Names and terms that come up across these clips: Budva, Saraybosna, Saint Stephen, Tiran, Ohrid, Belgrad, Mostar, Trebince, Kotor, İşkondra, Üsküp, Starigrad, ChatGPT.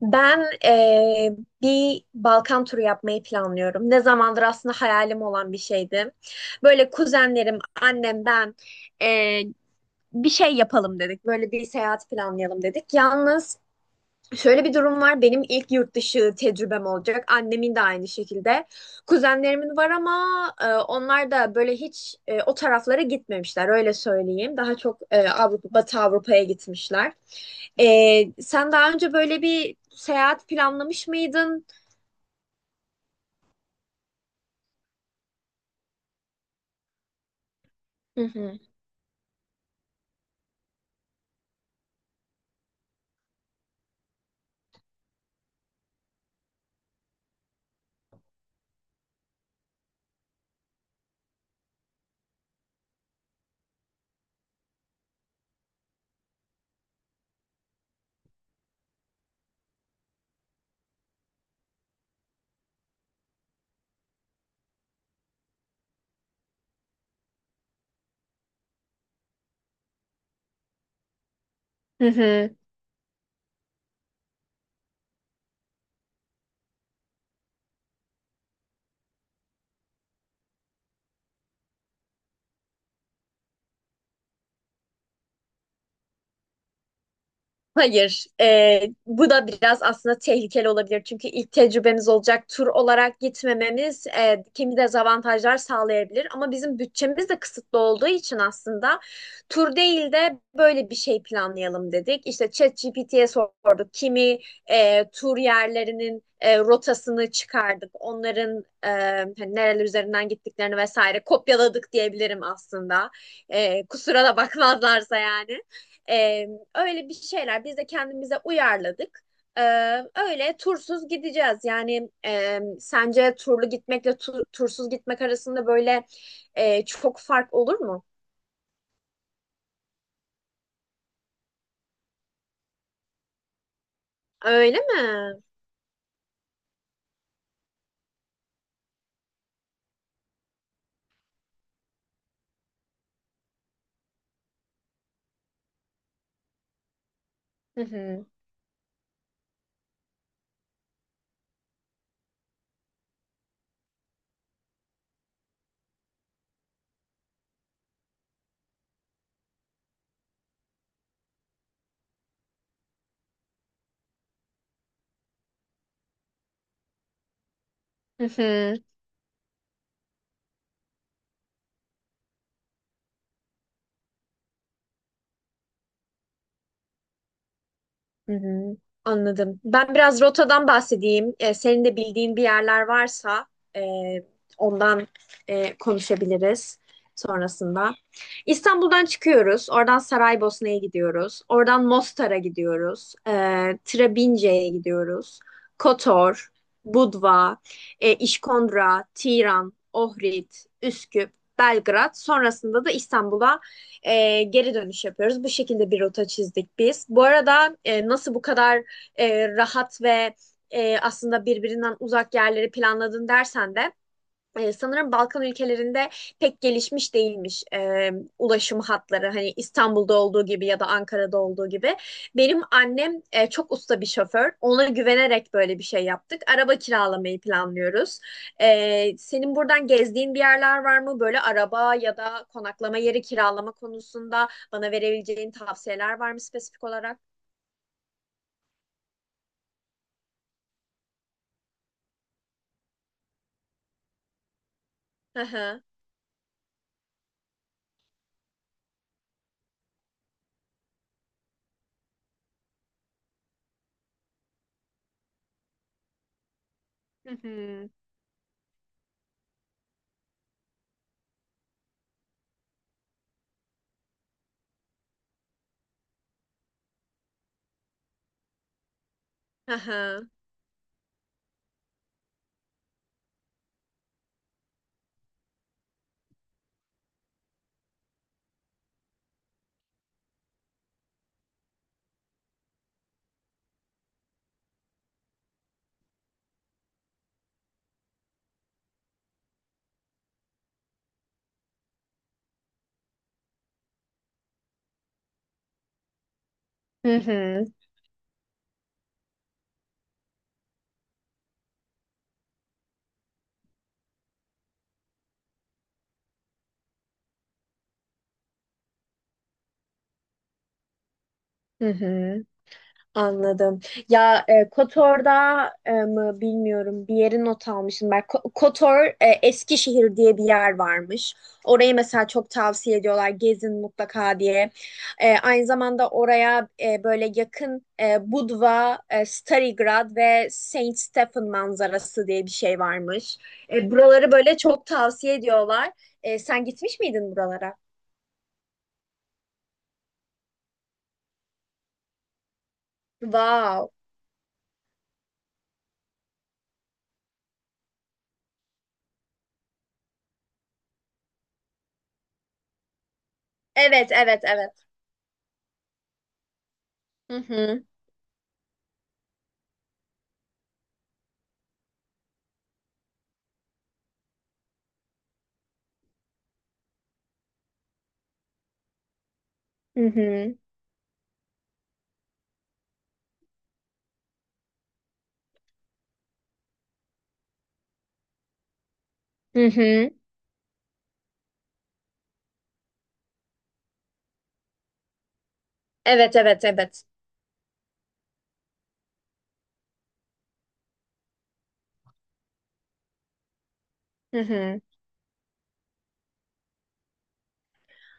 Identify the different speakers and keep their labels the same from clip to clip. Speaker 1: Ben bir Balkan turu yapmayı planlıyorum. Ne zamandır aslında hayalim olan bir şeydi. Böyle kuzenlerim, annem, ben eee, bir şey yapalım dedik. Böyle bir seyahat planlayalım dedik. Yalnız şöyle bir durum var. Benim ilk yurt dışı tecrübem olacak. Annemin de aynı şekilde. Kuzenlerimin var ama onlar da böyle hiç o taraflara gitmemişler. Öyle söyleyeyim. Daha çok Avrupa, Batı Avrupa'ya gitmişler. E, Sen daha önce böyle bir seyahat planlamış mıydın? Hı hı. Hı hı. Hayır, bu da biraz aslında tehlikeli olabilir. Çünkü ilk tecrübemiz olacak tur olarak gitmememiz kimi dezavantajlar sağlayabilir. Ama bizim bütçemiz de kısıtlı olduğu için aslında tur değil de böyle bir şey planlayalım dedik. İşte ChatGPT'ye sorduk. Kimi tur yerlerinin rotasını çıkardık. Onların hani nereler üzerinden gittiklerini vesaire kopyaladık diyebilirim aslında. Kusura da bakmazlarsa yani. E, Öyle bir şeyler biz de kendimize uyarladık. Ee, Öyle tursuz gideceğiz. Yani sence turlu gitmekle tursuz gitmek arasında böyle çok fark olur mu? Öyle mi? Hı hı. Hı hı. Hı hı, anladım. Ben biraz rotadan bahsedeyim. Senin de bildiğin bir yerler varsa e, ondan konuşabiliriz sonrasında. İstanbul'dan çıkıyoruz. Oradan Saraybosna'ya gidiyoruz. Oradan Mostar'a gidiyoruz. Trebince'ye gidiyoruz. Kotor, Budva, İşkondra, Tiran, Ohrid, Üsküp, Belgrad. Sonrasında da İstanbul'a geri dönüş yapıyoruz. Bu şekilde bir rota çizdik biz. Bu arada nasıl bu kadar rahat ve aslında birbirinden uzak yerleri planladın dersen de sanırım Balkan ülkelerinde pek gelişmiş değilmiş ulaşım hatları. Hani İstanbul'da olduğu gibi ya da Ankara'da olduğu gibi. Benim annem çok usta bir şoför. Ona güvenerek böyle bir şey yaptık. Araba kiralamayı planlıyoruz. Senin buradan gezdiğin bir yerler var mı? Böyle araba ya da konaklama yeri kiralama konusunda bana verebileceğin tavsiyeler var mı spesifik olarak? Hı hı. Hı hı. Hı hı. Hı hı. Hı hı. Anladım. Ya KOTOR'da mı bilmiyorum bir yeri not almışım. Ben KOTOR Eskişehir diye bir yer varmış. Orayı mesela çok tavsiye ediyorlar gezin mutlaka diye. Aynı zamanda oraya böyle yakın Budva, Starigrad ve Saint Stephen manzarası diye bir şey varmış. Buraları böyle çok tavsiye ediyorlar. Sen gitmiş miydin buralara? Wow. Evet, evet, evet. Hı hı. Hı hı. Hı hı. Evet, evet, evet. Hı hı.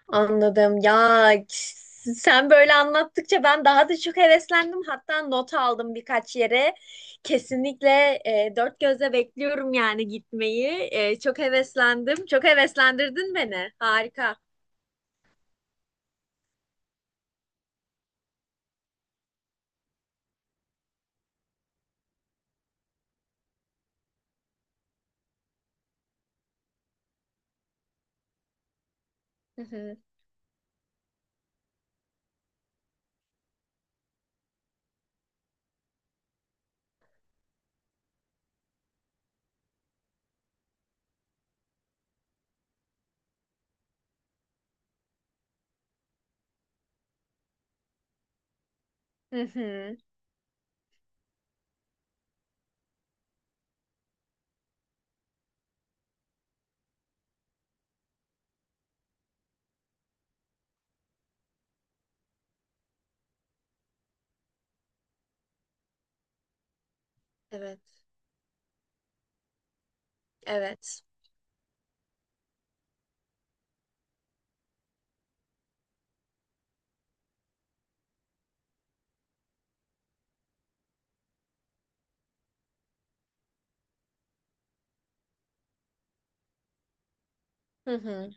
Speaker 1: Anladım. Ya k- sen böyle anlattıkça ben daha da çok heveslendim. Hatta not aldım birkaç yere. Kesinlikle dört gözle bekliyorum yani gitmeyi. Çok heveslendim. Çok heveslendirdin beni. Harika. Hı hı. Hı hı. Evet. Evet. Hı hı.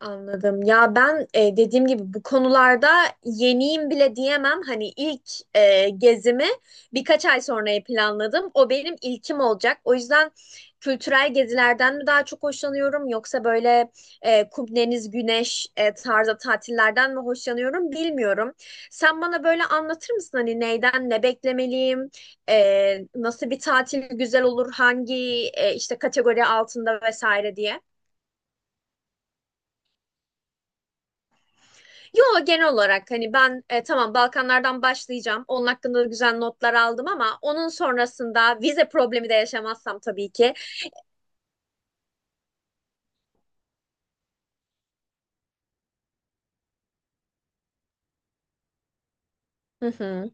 Speaker 1: Anladım. Ya ben dediğim gibi bu konularda yeniyim bile diyemem. Hani ilk gezimi birkaç ay sonraya planladım. O benim ilkim olacak. O yüzden kültürel gezilerden mi daha çok hoşlanıyorum yoksa böyle kum, deniz, güneş tarzı tatillerden mi hoşlanıyorum bilmiyorum. Sen bana böyle anlatır mısın hani neyden ne beklemeliyim? Nasıl bir tatil güzel olur? Hangi işte kategori altında vesaire diye? Yo genel olarak hani ben tamam Balkanlardan başlayacağım. Onun hakkında da güzel notlar aldım ama onun sonrasında vize problemi de yaşamazsam tabii ki. Hı hı.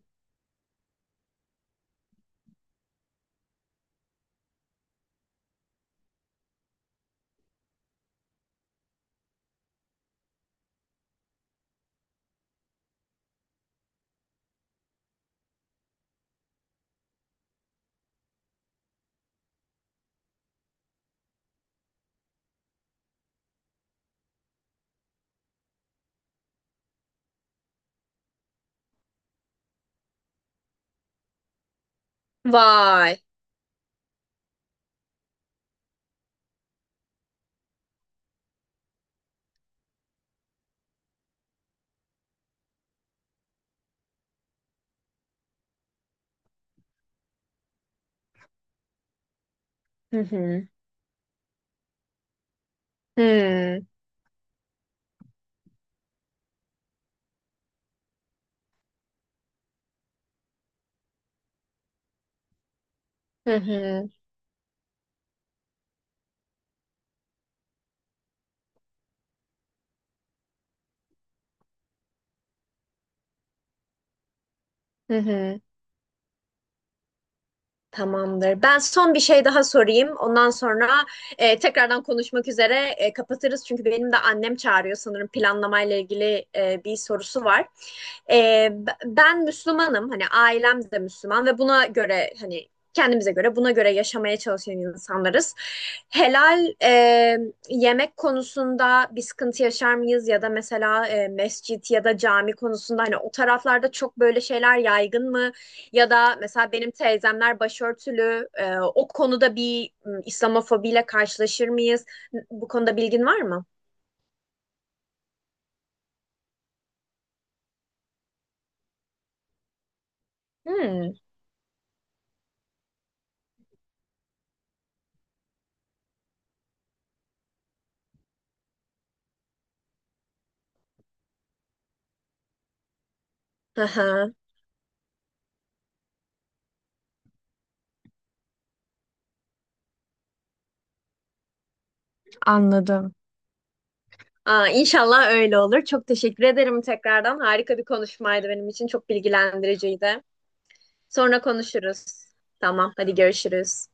Speaker 1: Vay. Hı hı. Hı hı. Hı hı. Hı hı. Tamamdır. Ben son bir şey daha sorayım. Ondan sonra tekrardan konuşmak üzere kapatırız. Çünkü benim de annem çağırıyor sanırım planlamayla ilgili bir sorusu var. Ben Müslümanım. Hani ailem de Müslüman ve buna göre hani kendimize göre buna göre yaşamaya çalışan insanlarız. Helal yemek konusunda bir sıkıntı yaşar mıyız? Ya da mesela mescit ya da cami konusunda hani o taraflarda çok böyle şeyler yaygın mı? Ya da mesela benim teyzemler başörtülü. O konuda İslamofobiyle karşılaşır mıyız? Bu konuda bilgin var mı? Hmm. Aha. Anladım. Aa, inşallah öyle olur. Çok teşekkür ederim tekrardan. Harika bir konuşmaydı benim için. Çok bilgilendiriciydi. Sonra konuşuruz. Tamam, hadi görüşürüz.